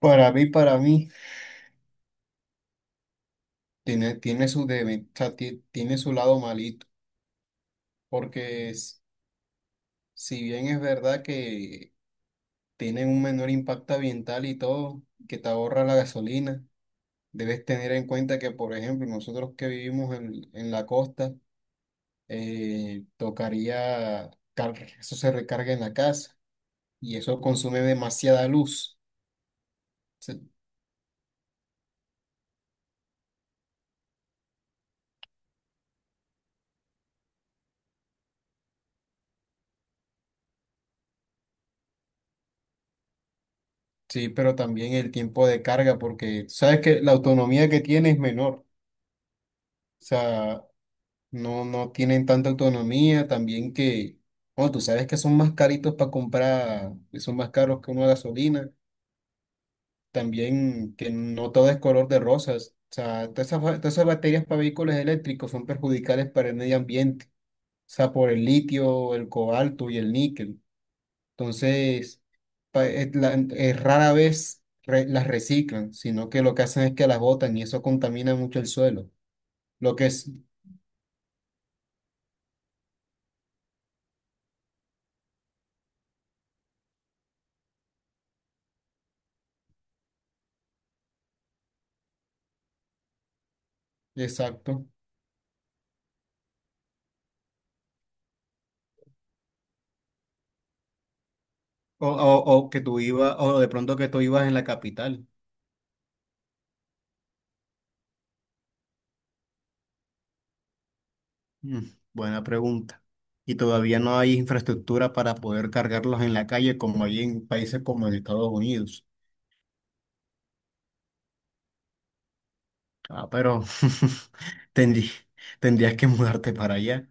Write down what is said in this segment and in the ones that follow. Para mí, tiene su o sea, tiene su lado malito, porque si bien es verdad que tienen un menor impacto ambiental y todo, que te ahorra la gasolina, debes tener en cuenta que, por ejemplo, nosotros que vivimos en la costa, tocaría, eso se recarga en la casa y eso consume demasiada luz. Se- Sí, pero también el tiempo de carga, porque sabes que la autonomía que tiene es menor. O sea, no tienen tanta autonomía, también que, bueno, tú sabes que son más caritos para comprar, que son más caros que una gasolina, también que no todo es color de rosas, o sea, todas esas baterías para vehículos eléctricos son perjudiciales para el medio ambiente, o sea, por el litio, el cobalto y el níquel. Entonces, es rara vez las reciclan, sino que lo que hacen es que las botan y eso contamina mucho el suelo. Lo que es, exacto. O de pronto que tú ibas en la capital. Mm, buena pregunta. Y todavía no hay infraestructura para poder cargarlos en la calle como hay en países como en Estados Unidos. Ah, pero tendrí- tendrías que mudarte para allá.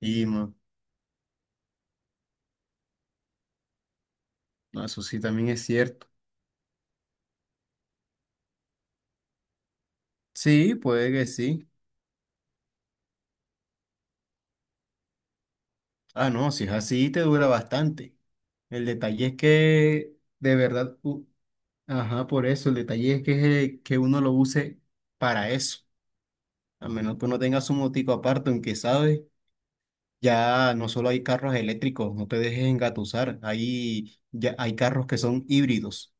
Y no, no, eso sí también es cierto. Sí, puede que sí. Ah, no, si es así, te dura bastante. El detalle es que, de verdad, ajá, por eso, el detalle es que uno lo use para eso. A menos que uno tenga su motico aparte, aunque sabes, ya no solo hay carros eléctricos, no te dejes engatusar, ya hay carros que son híbridos,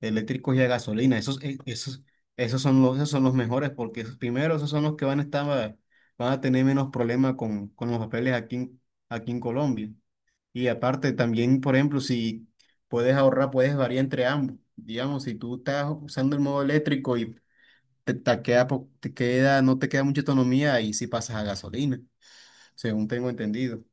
eléctricos y a gasolina, esos son los mejores, porque primero esos son los que van a tener menos problemas con, los papeles aquí, aquí en Colombia. Y aparte también, por ejemplo, si puedes ahorrar, puedes variar entre ambos. Digamos, si tú estás usando el modo eléctrico y te queda, po- te queda, no te queda mucha autonomía y si pasas a gasolina, según tengo entendido.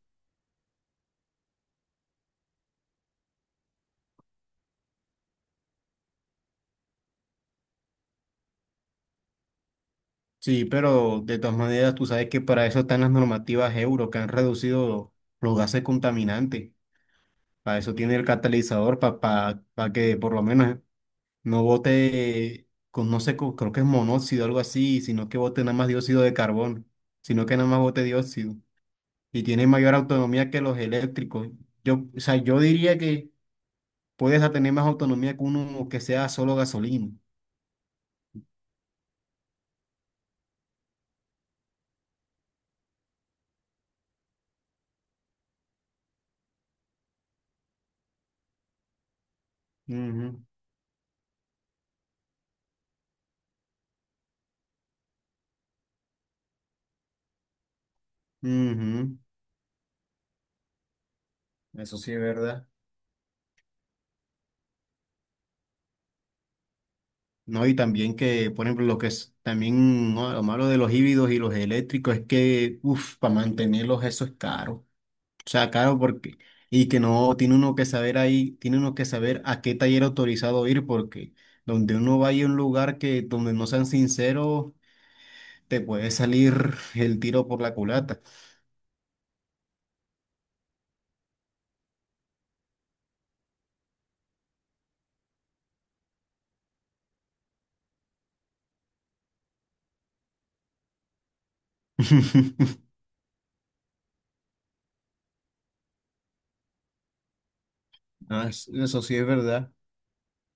Sí, pero de todas maneras tú sabes que para eso están las normativas euro que han reducido los gases contaminantes. Para eso tiene el catalizador, para que por lo menos no bote con, no sé, creo que es monóxido o algo así, sino que bote nada más dióxido de carbono, sino que nada más bote dióxido. Y tiene mayor autonomía que los eléctricos. Yo, o sea, yo diría que puedes a tener más autonomía que uno que sea solo gasolina. Ujú, ujú. Eso sí es verdad. No, y también que, por ejemplo, lo que es también, ¿no? Lo malo de los híbridos y los eléctricos es que, uff, para mantenerlos eso es caro. O sea, caro porque, y que no, tiene uno que saber ahí, tiene uno que saber a qué taller autorizado ir porque donde uno vaya a un lugar que, donde no sean sinceros, te puede salir el tiro por la culata. Ah, eso sí es verdad.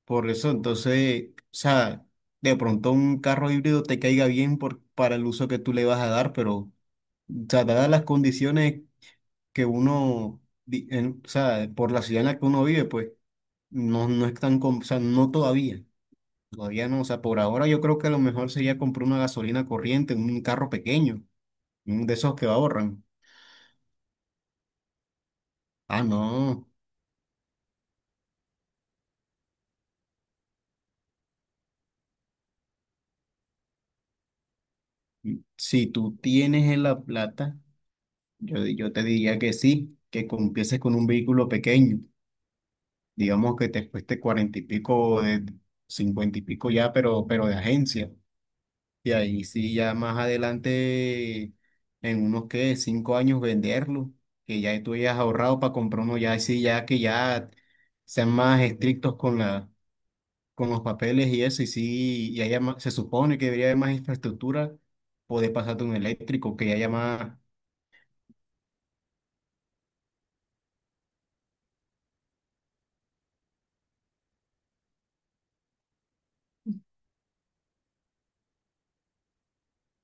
Por eso, entonces, o sea, de pronto un carro híbrido te caiga bien por, para el uso que tú le vas a dar, pero, o sea, dadas las condiciones que uno, o sea, por la ciudad en la que uno vive, pues, no, no es tan, o sea, no todavía, todavía no, o sea, por ahora yo creo que lo mejor sería comprar una gasolina corriente, un carro pequeño, un de esos que ahorran. Ah, no, si tú tienes la plata, yo te diría que sí, que empieces con un vehículo pequeño digamos que te cueste cuarenta y pico, de cincuenta y pico ya, pero de agencia. Y ahí sí, ya más adelante, en unos que 5 años venderlo, que ya tú hayas ahorrado para comprar uno, ya sí, ya que ya sean más estrictos con la, con los papeles y eso, y sí, y se supone que debería haber más infraestructura, poder pasarte un eléctrico, que haya más,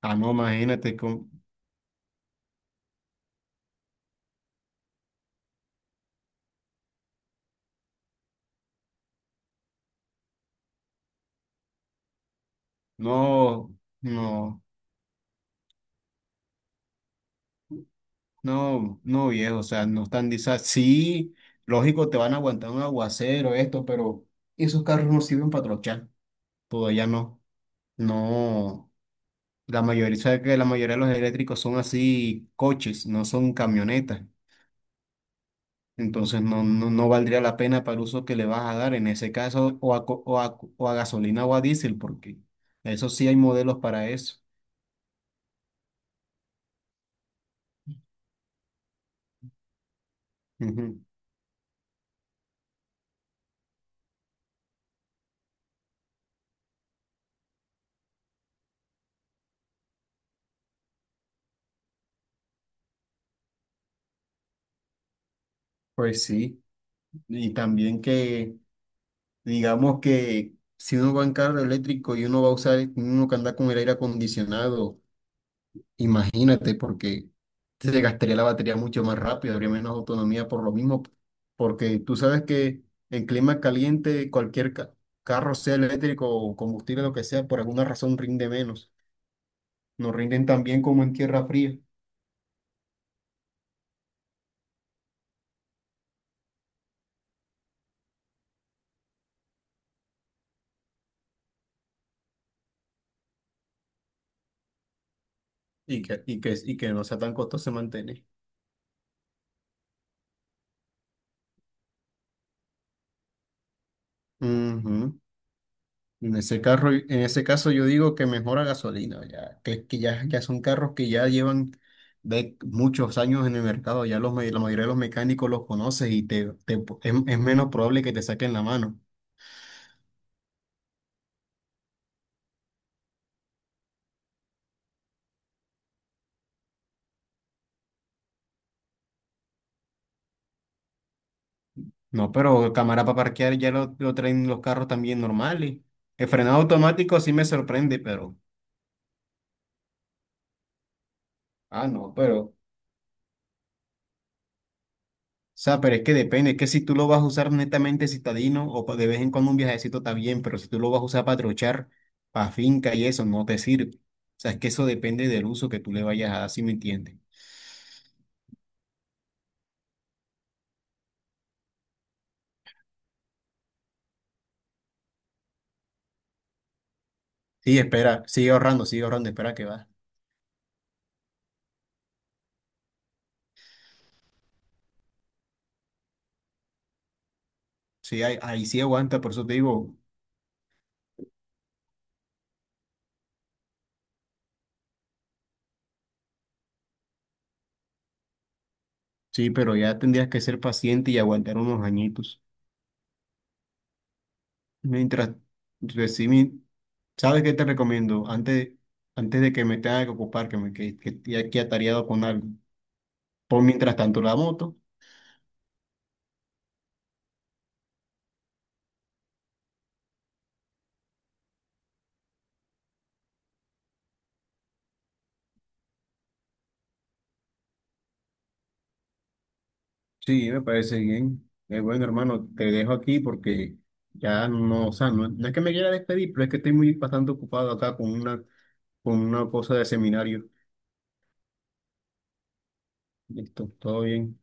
ah, no, imagínate, con, no, no. No, no viejo, o sea, no están, sí, lógico, te van a aguantar un aguacero, esto, pero esos carros no sirven para trochar, todavía no, no, la mayoría, sabes que la mayoría de los eléctricos son así coches, no son camionetas, entonces no, no, no valdría la pena para el uso que le vas a dar en ese caso, o a gasolina o a diésel, porque eso sí hay modelos para eso. Ujú. Pues sí, y también que... Digamos que si uno va en carro eléctrico y uno va a usar, uno que anda con el aire acondicionado, imagínate, porque se gastaría la batería mucho más rápido, habría menos autonomía por lo mismo, porque tú sabes que en clima caliente cualquier carro, sea eléctrico o combustible, lo que sea, por alguna razón rinde menos. No rinden tan bien como en tierra fría y que, y que, y que no sea tan costoso mantener. Ujú. En ese carro, en ese caso yo digo que mejora gasolina, ya, ya son carros que ya llevan de muchos años en el mercado, ya la mayoría de los mecánicos los conoces y es menos probable que te saquen la mano. No, pero cámara para parquear ya lo traen los carros también normales. El frenado automático sí me sorprende, pero... Ah, no, pero... O sea, pero es que depende, es que si tú lo vas a usar netamente citadino o de vez en cuando un viajecito está bien, pero si tú lo vas a usar para trochar, para finca y eso, no te sirve. O sea, es que eso depende del uso que tú le vayas a dar, si me entiendes. Sí, espera, sigue ahorrando, espera que va. Sí, ahí, ahí sí aguanta, por eso te digo, sí, pero ya tendrías que ser paciente y aguantar unos añitos. Mientras, pues, sí, ¿sabes qué te recomiendo? Antes, antes de que me tenga que ocupar, que me que, esté aquí atareado con algo, pon mientras tanto la moto. Sí, me parece bien. Bueno, hermano, te dejo aquí porque ya no, o sea, no, no es que me quiera despedir, pero es que estoy muy bastante ocupado acá con una, cosa de seminario. Listo, todo bien.